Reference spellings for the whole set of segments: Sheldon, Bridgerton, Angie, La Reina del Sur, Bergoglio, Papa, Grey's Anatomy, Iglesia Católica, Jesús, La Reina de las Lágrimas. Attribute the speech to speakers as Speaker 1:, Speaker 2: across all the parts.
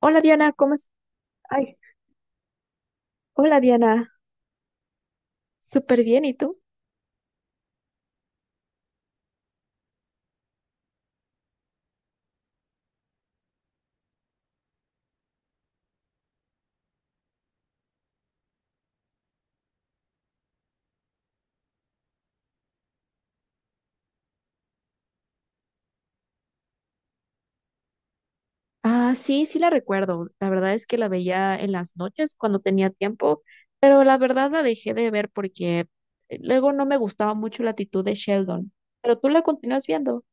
Speaker 1: Hola Diana, ¿cómo es? Ay, hola Diana, súper bien, ¿y tú? Ah, sí, sí la recuerdo. La verdad es que la veía en las noches cuando tenía tiempo, pero la verdad la dejé de ver porque luego no me gustaba mucho la actitud de Sheldon. Pero tú la continúas viendo.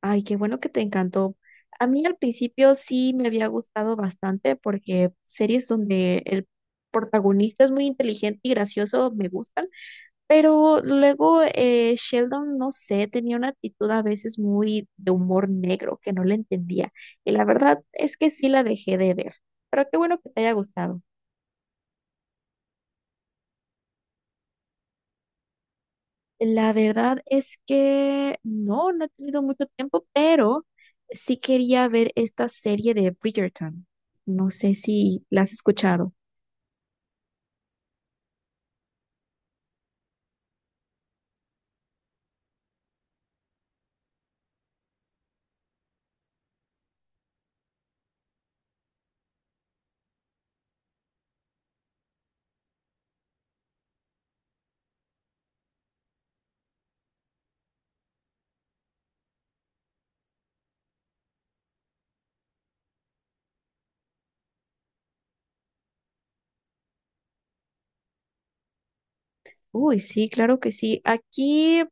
Speaker 1: Ay, qué bueno que te encantó. A mí al principio sí me había gustado bastante porque series donde el protagonista es muy inteligente y gracioso me gustan. Pero luego, Sheldon, no sé, tenía una actitud a veces muy de humor negro que no le entendía. Y la verdad es que sí la dejé de ver. Pero qué bueno que te haya gustado. La verdad es que no, no he tenido mucho tiempo, pero sí quería ver esta serie de Bridgerton. No sé si la has escuchado. Uy, sí, claro que sí. Aquí,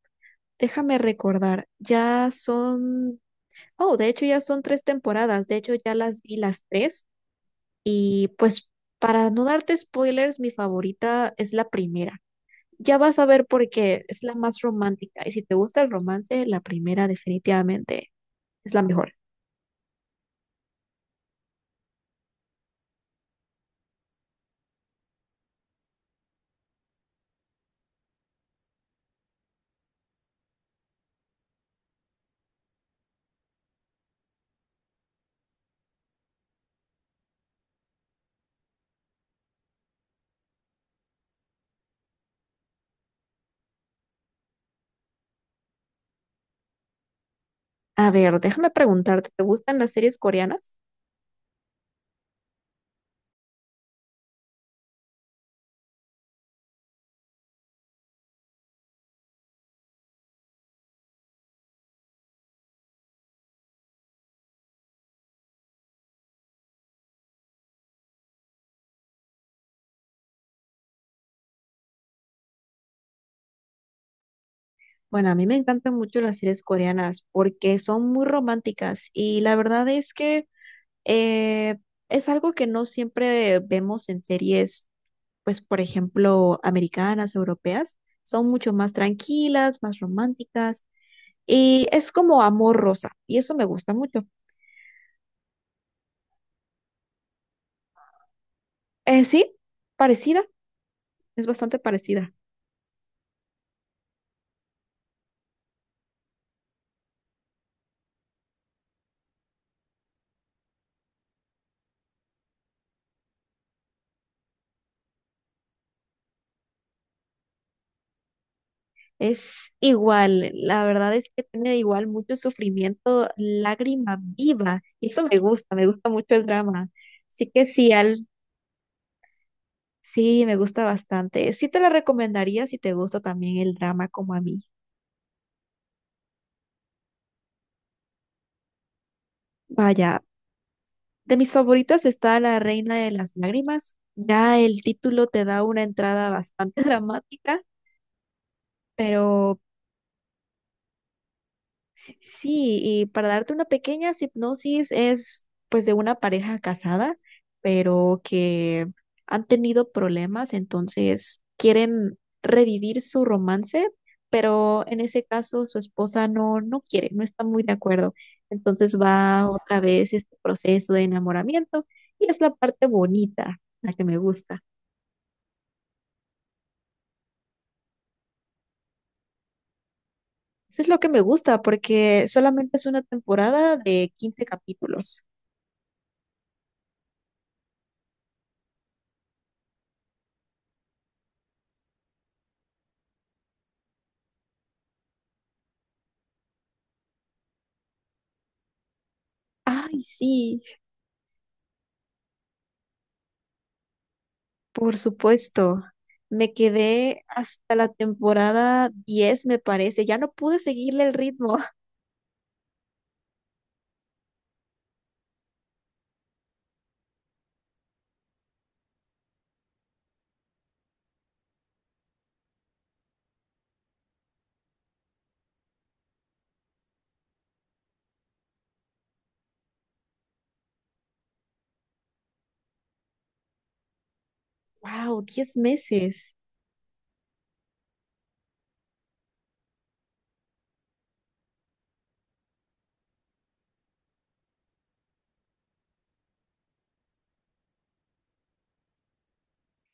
Speaker 1: déjame recordar, ya son, oh, de hecho ya son tres temporadas. De hecho, ya las vi las tres. Y pues para no darte spoilers, mi favorita es la primera. Ya vas a ver por qué es la más romántica. Y si te gusta el romance, la primera definitivamente es la mejor. A ver, déjame preguntarte, ¿te gustan las series coreanas? Bueno, a mí me encantan mucho las series coreanas porque son muy románticas y la verdad es que eh, es algo que no siempre vemos en series, pues por ejemplo, americanas, europeas. Son mucho más tranquilas, más románticas. Y es como amor rosa, y eso me gusta mucho. Sí, parecida, es bastante parecida. Es igual, la verdad es que tiene igual mucho sufrimiento, lágrima viva, y eso me gusta mucho el drama. Así que sí, sí, me gusta bastante. Sí te la recomendaría si te gusta también el drama como a mí. Vaya, de mis favoritas está La Reina de las Lágrimas. Ya el título te da una entrada bastante dramática, pero sí, y para darte una pequeña hipnosis es pues de una pareja casada, pero que han tenido problemas, entonces quieren revivir su romance, pero en ese caso su esposa no, no quiere, no está muy de acuerdo. Entonces va otra vez este proceso de enamoramiento y es la parte bonita, la que me gusta. Eso es lo que me gusta porque solamente es una temporada de 15 capítulos. Ay, sí. Por supuesto, me quedé hasta la temporada 10, me parece. Ya no pude seguirle el ritmo. Wow, 10 meses.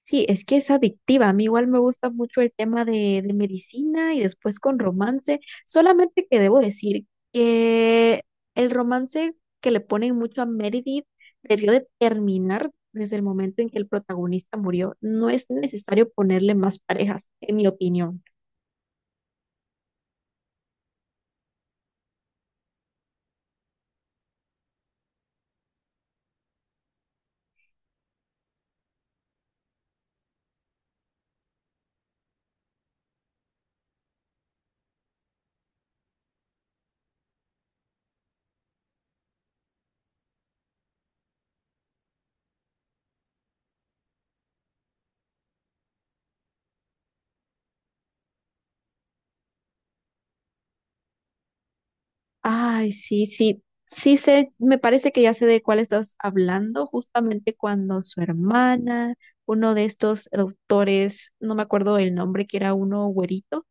Speaker 1: Sí, es que es adictiva. A mí igual me gusta mucho el tema de medicina y después con romance. Solamente que debo decir que el romance que le ponen mucho a Meredith debió de terminar desde el momento en que el protagonista murió. No es necesario ponerle más parejas, en mi opinión. Ay, sí, sí, sí sé, me parece que ya sé de cuál estás hablando, justamente cuando su hermana, uno de estos doctores, no me acuerdo el nombre, que era uno güerito,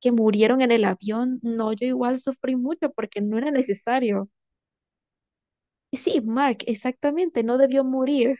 Speaker 1: que murieron en el avión. No, yo igual sufrí mucho porque no era necesario. Y sí, Mark, exactamente, no debió morir.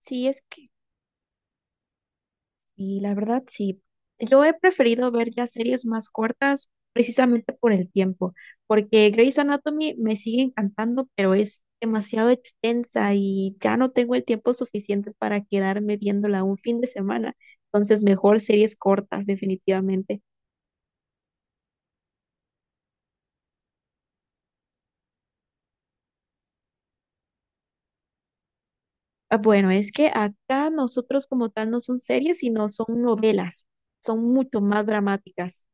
Speaker 1: Sí, es que, y la verdad, sí. Yo he preferido ver ya series más cortas precisamente por el tiempo, porque Grey's Anatomy me sigue encantando, pero es demasiado extensa y ya no tengo el tiempo suficiente para quedarme viéndola un fin de semana. Entonces, mejor series cortas, definitivamente. Ah, bueno, es que acá nosotros como tal no son series, sino son novelas. Son mucho más dramáticas.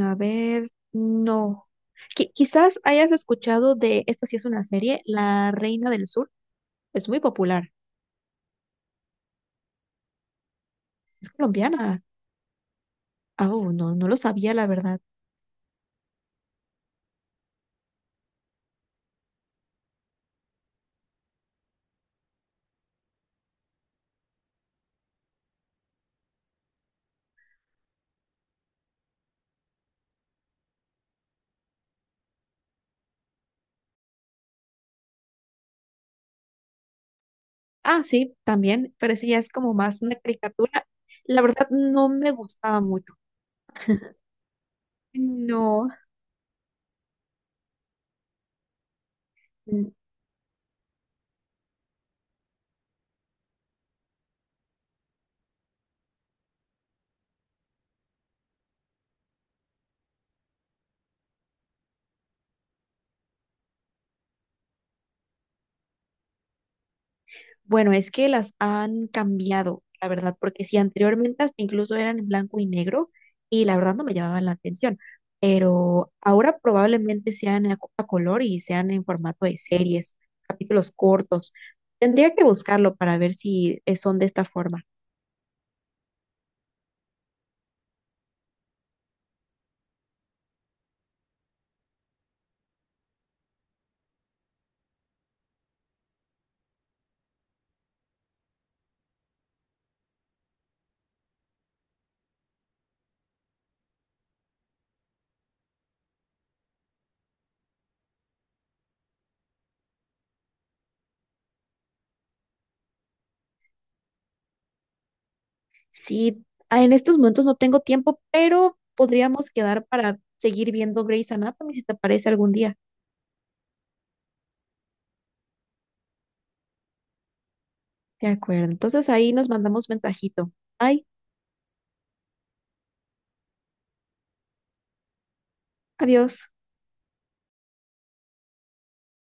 Speaker 1: A ver, no. Quizás hayas escuchado de, esta sí es una serie, La Reina del Sur. Es muy popular. Es colombiana. Ah, oh, no, no lo sabía, la verdad. Ah, sí, también, pero sí, ya es como más una caricatura. La verdad, no me gustaba mucho. No. Bueno, es que las han cambiado, la verdad, porque si anteriormente hasta incluso eran en blanco y negro y la verdad no me llamaban la atención, pero ahora probablemente sean a color y sean en formato de series, capítulos cortos. Tendría que buscarlo para ver si son de esta forma. Sí, ah, en estos momentos no tengo tiempo, pero podríamos quedar para seguir viendo Grey's Anatomy si te parece algún día. De acuerdo, entonces ahí nos mandamos mensajito. Bye, adiós.